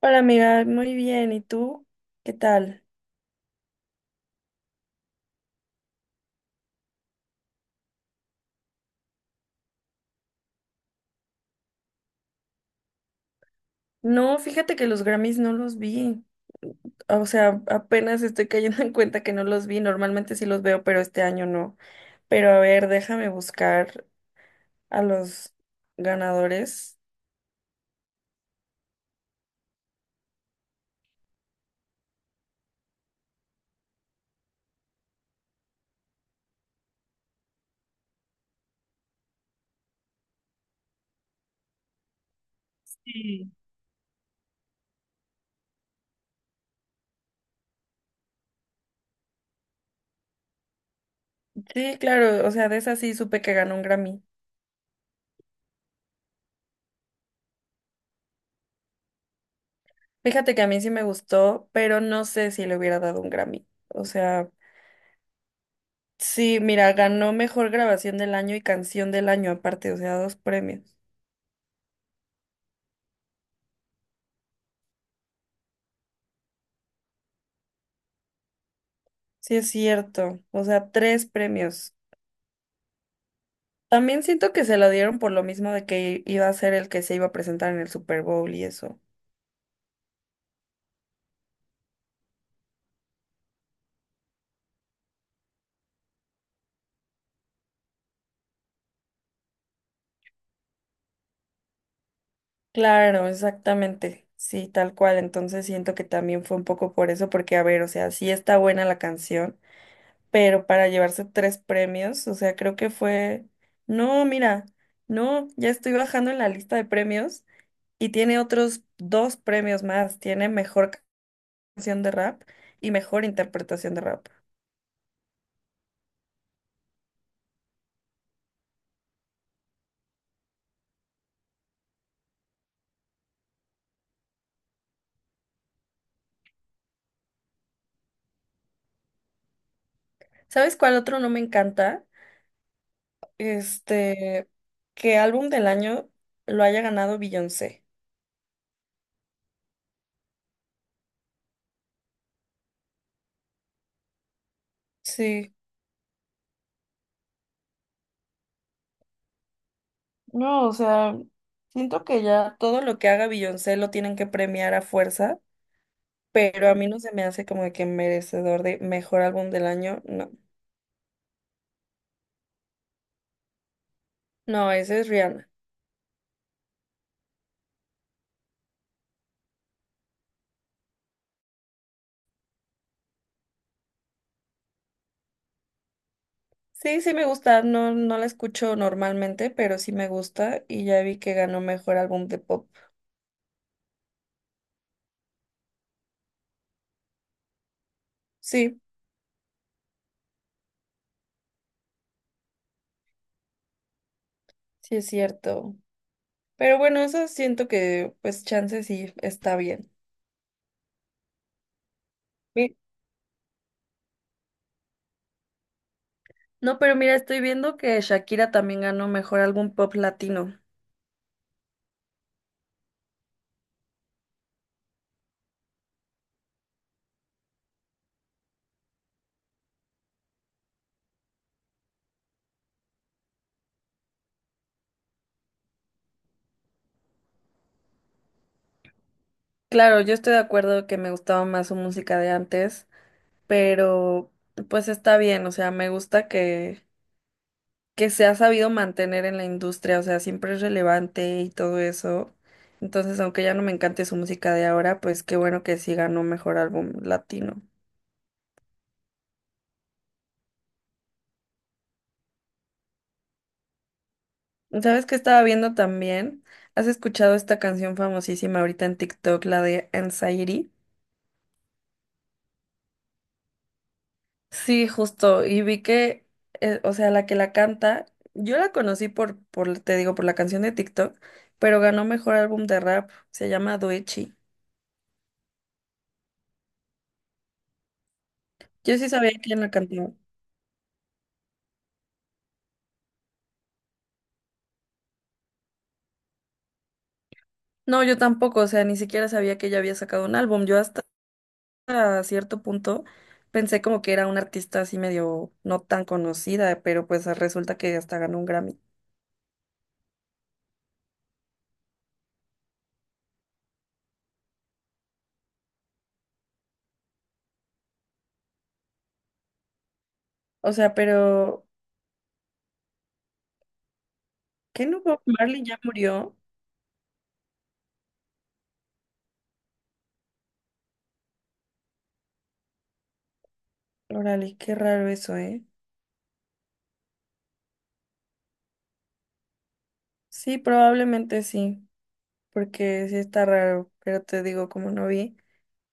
Hola amiga, muy bien. ¿Y tú? ¿Qué tal? No, fíjate que los Grammys no los vi. O sea, apenas estoy cayendo en cuenta que no los vi. Normalmente sí los veo, pero este año no. Pero a ver, déjame buscar a los ganadores. Sí, claro, o sea, de esa sí supe que ganó un Grammy. Fíjate que a mí sí me gustó, pero no sé si le hubiera dado un Grammy. O sea, sí, mira, ganó mejor grabación del año y canción del año aparte, o sea, dos premios. Sí, es cierto. O sea, tres premios. También siento que se lo dieron por lo mismo de que iba a ser el que se iba a presentar en el Super Bowl y eso. Claro, exactamente. Sí, tal cual. Entonces siento que también fue un poco por eso, porque a ver, o sea, sí está buena la canción, pero para llevarse tres premios, o sea, creo que fue... No, mira, no, ya estoy bajando en la lista de premios y tiene otros dos premios más. Tiene mejor canción de rap y mejor interpretación de rap. ¿Sabes cuál otro no me encanta? Este, que álbum del año lo haya ganado Beyoncé. Sí, no, o sea, siento que ya todo lo que haga Beyoncé lo tienen que premiar a fuerza, pero a mí no se me hace como de que merecedor de mejor álbum del año, no. No, ese es Rihanna. Sí, sí me gusta, no, no la escucho normalmente, pero sí me gusta y ya vi que ganó mejor álbum de pop. Sí, sí es cierto. Pero bueno, eso siento que pues chance sí está bien. No, pero mira, estoy viendo que Shakira también ganó mejor álbum pop latino. Claro, yo estoy de acuerdo que me gustaba más su música de antes, pero pues está bien, o sea, me gusta que se ha sabido mantener en la industria, o sea, siempre es relevante y todo eso. Entonces, aunque ya no me encante su música de ahora, pues qué bueno que sí ganó mejor álbum latino. ¿Sabes qué estaba viendo también? ¿Has escuchado esta canción famosísima ahorita en TikTok, la de Anxiety? Sí, justo. Y vi o sea, la que la canta, yo la conocí te digo, por la canción de TikTok, pero ganó mejor álbum de rap. Se llama Doechi. Yo sí sabía quién la cantaba. No, yo tampoco, o sea, ni siquiera sabía que ella había sacado un álbum. Yo hasta a cierto punto pensé como que era una artista así medio no tan conocida, pero pues resulta que hasta ganó un Grammy. O sea, pero ¿qué no Bob Marley ya murió? Órale, qué raro eso, ¿eh? Sí, probablemente sí, porque sí está raro, pero te digo como no vi.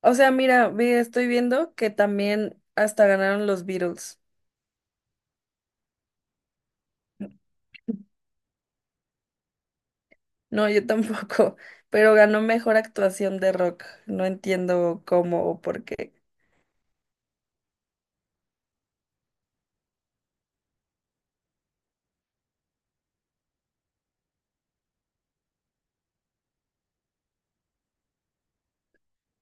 O sea, mira, vi, estoy viendo que también hasta ganaron los Beatles. No, yo tampoco, pero ganó mejor actuación de rock. No entiendo cómo o por qué.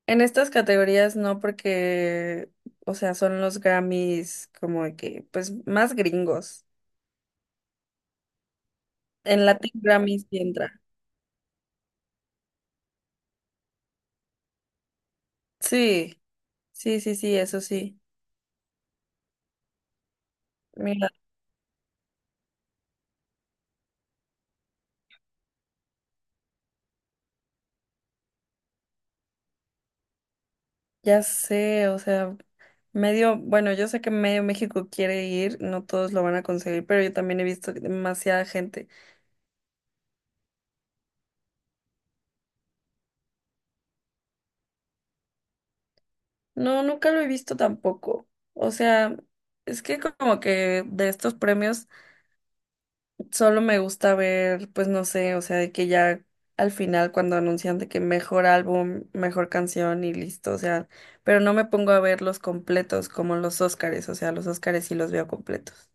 En estas categorías no porque, o sea, son los Grammys como de que, pues, más gringos. En Latin Grammys sí entra. Sí, sí, sí, sí, eso sí. Ya sé, o sea, medio, bueno, yo sé que medio México quiere ir, no todos lo van a conseguir, pero yo también he visto que demasiada gente. No, nunca lo he visto tampoco. O sea, es que como que de estos premios solo me gusta ver, pues no sé, o sea, de que ya al final cuando anuncian de que mejor álbum, mejor canción y listo, o sea, pero no me pongo a ver los completos como los Óscares, o sea, los Óscares sí los veo completos.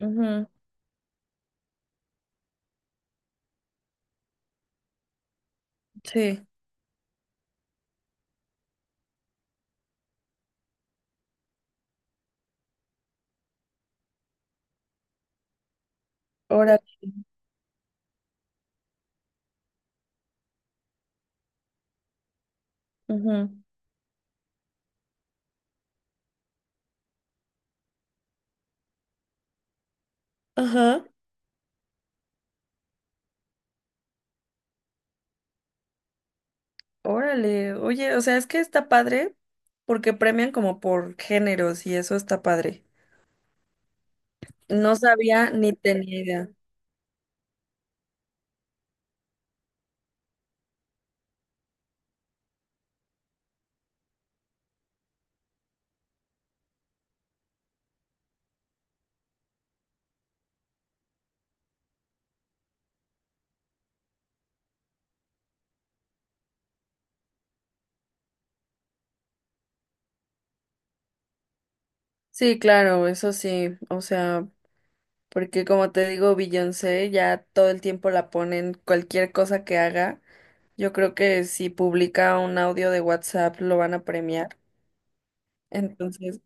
Ujú, sí, ahora. Ajá. Órale, oye, o sea, es que está padre porque premian como por géneros y eso está padre. No sabía ni tenía idea. Sí, claro, eso sí, o sea, porque como te digo, Beyoncé ya todo el tiempo la ponen cualquier cosa que haga. Yo creo que si publica un audio de WhatsApp lo van a premiar. Entonces,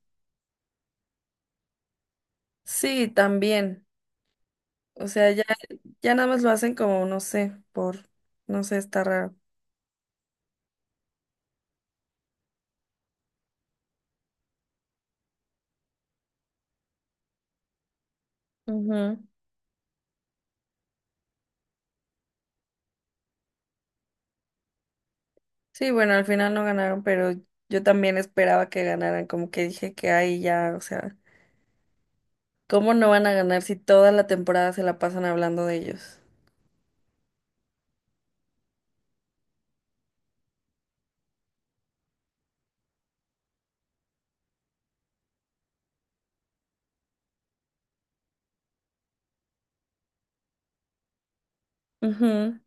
sí, también. O sea, ya nada más lo hacen como, no sé, no sé, está raro. Ujú. Sí, bueno, al final no ganaron, pero yo también esperaba que ganaran, como que dije que ahí ya, o sea, ¿cómo no van a ganar si toda la temporada se la pasan hablando de ellos? Ujú.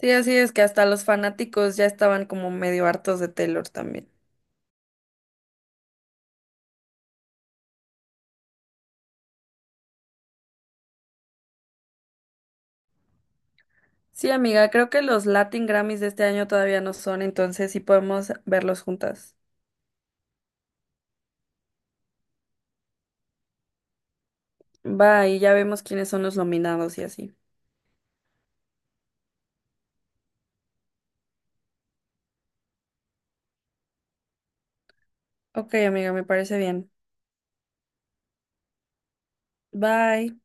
Sí, así es que hasta los fanáticos ya estaban como medio hartos de Taylor también. Sí, amiga, creo que los Latin Grammys de este año todavía no son, entonces sí podemos verlos juntas. Bye, ya vemos quiénes son los nominados y así. Ok, amiga, me parece bien. Bye.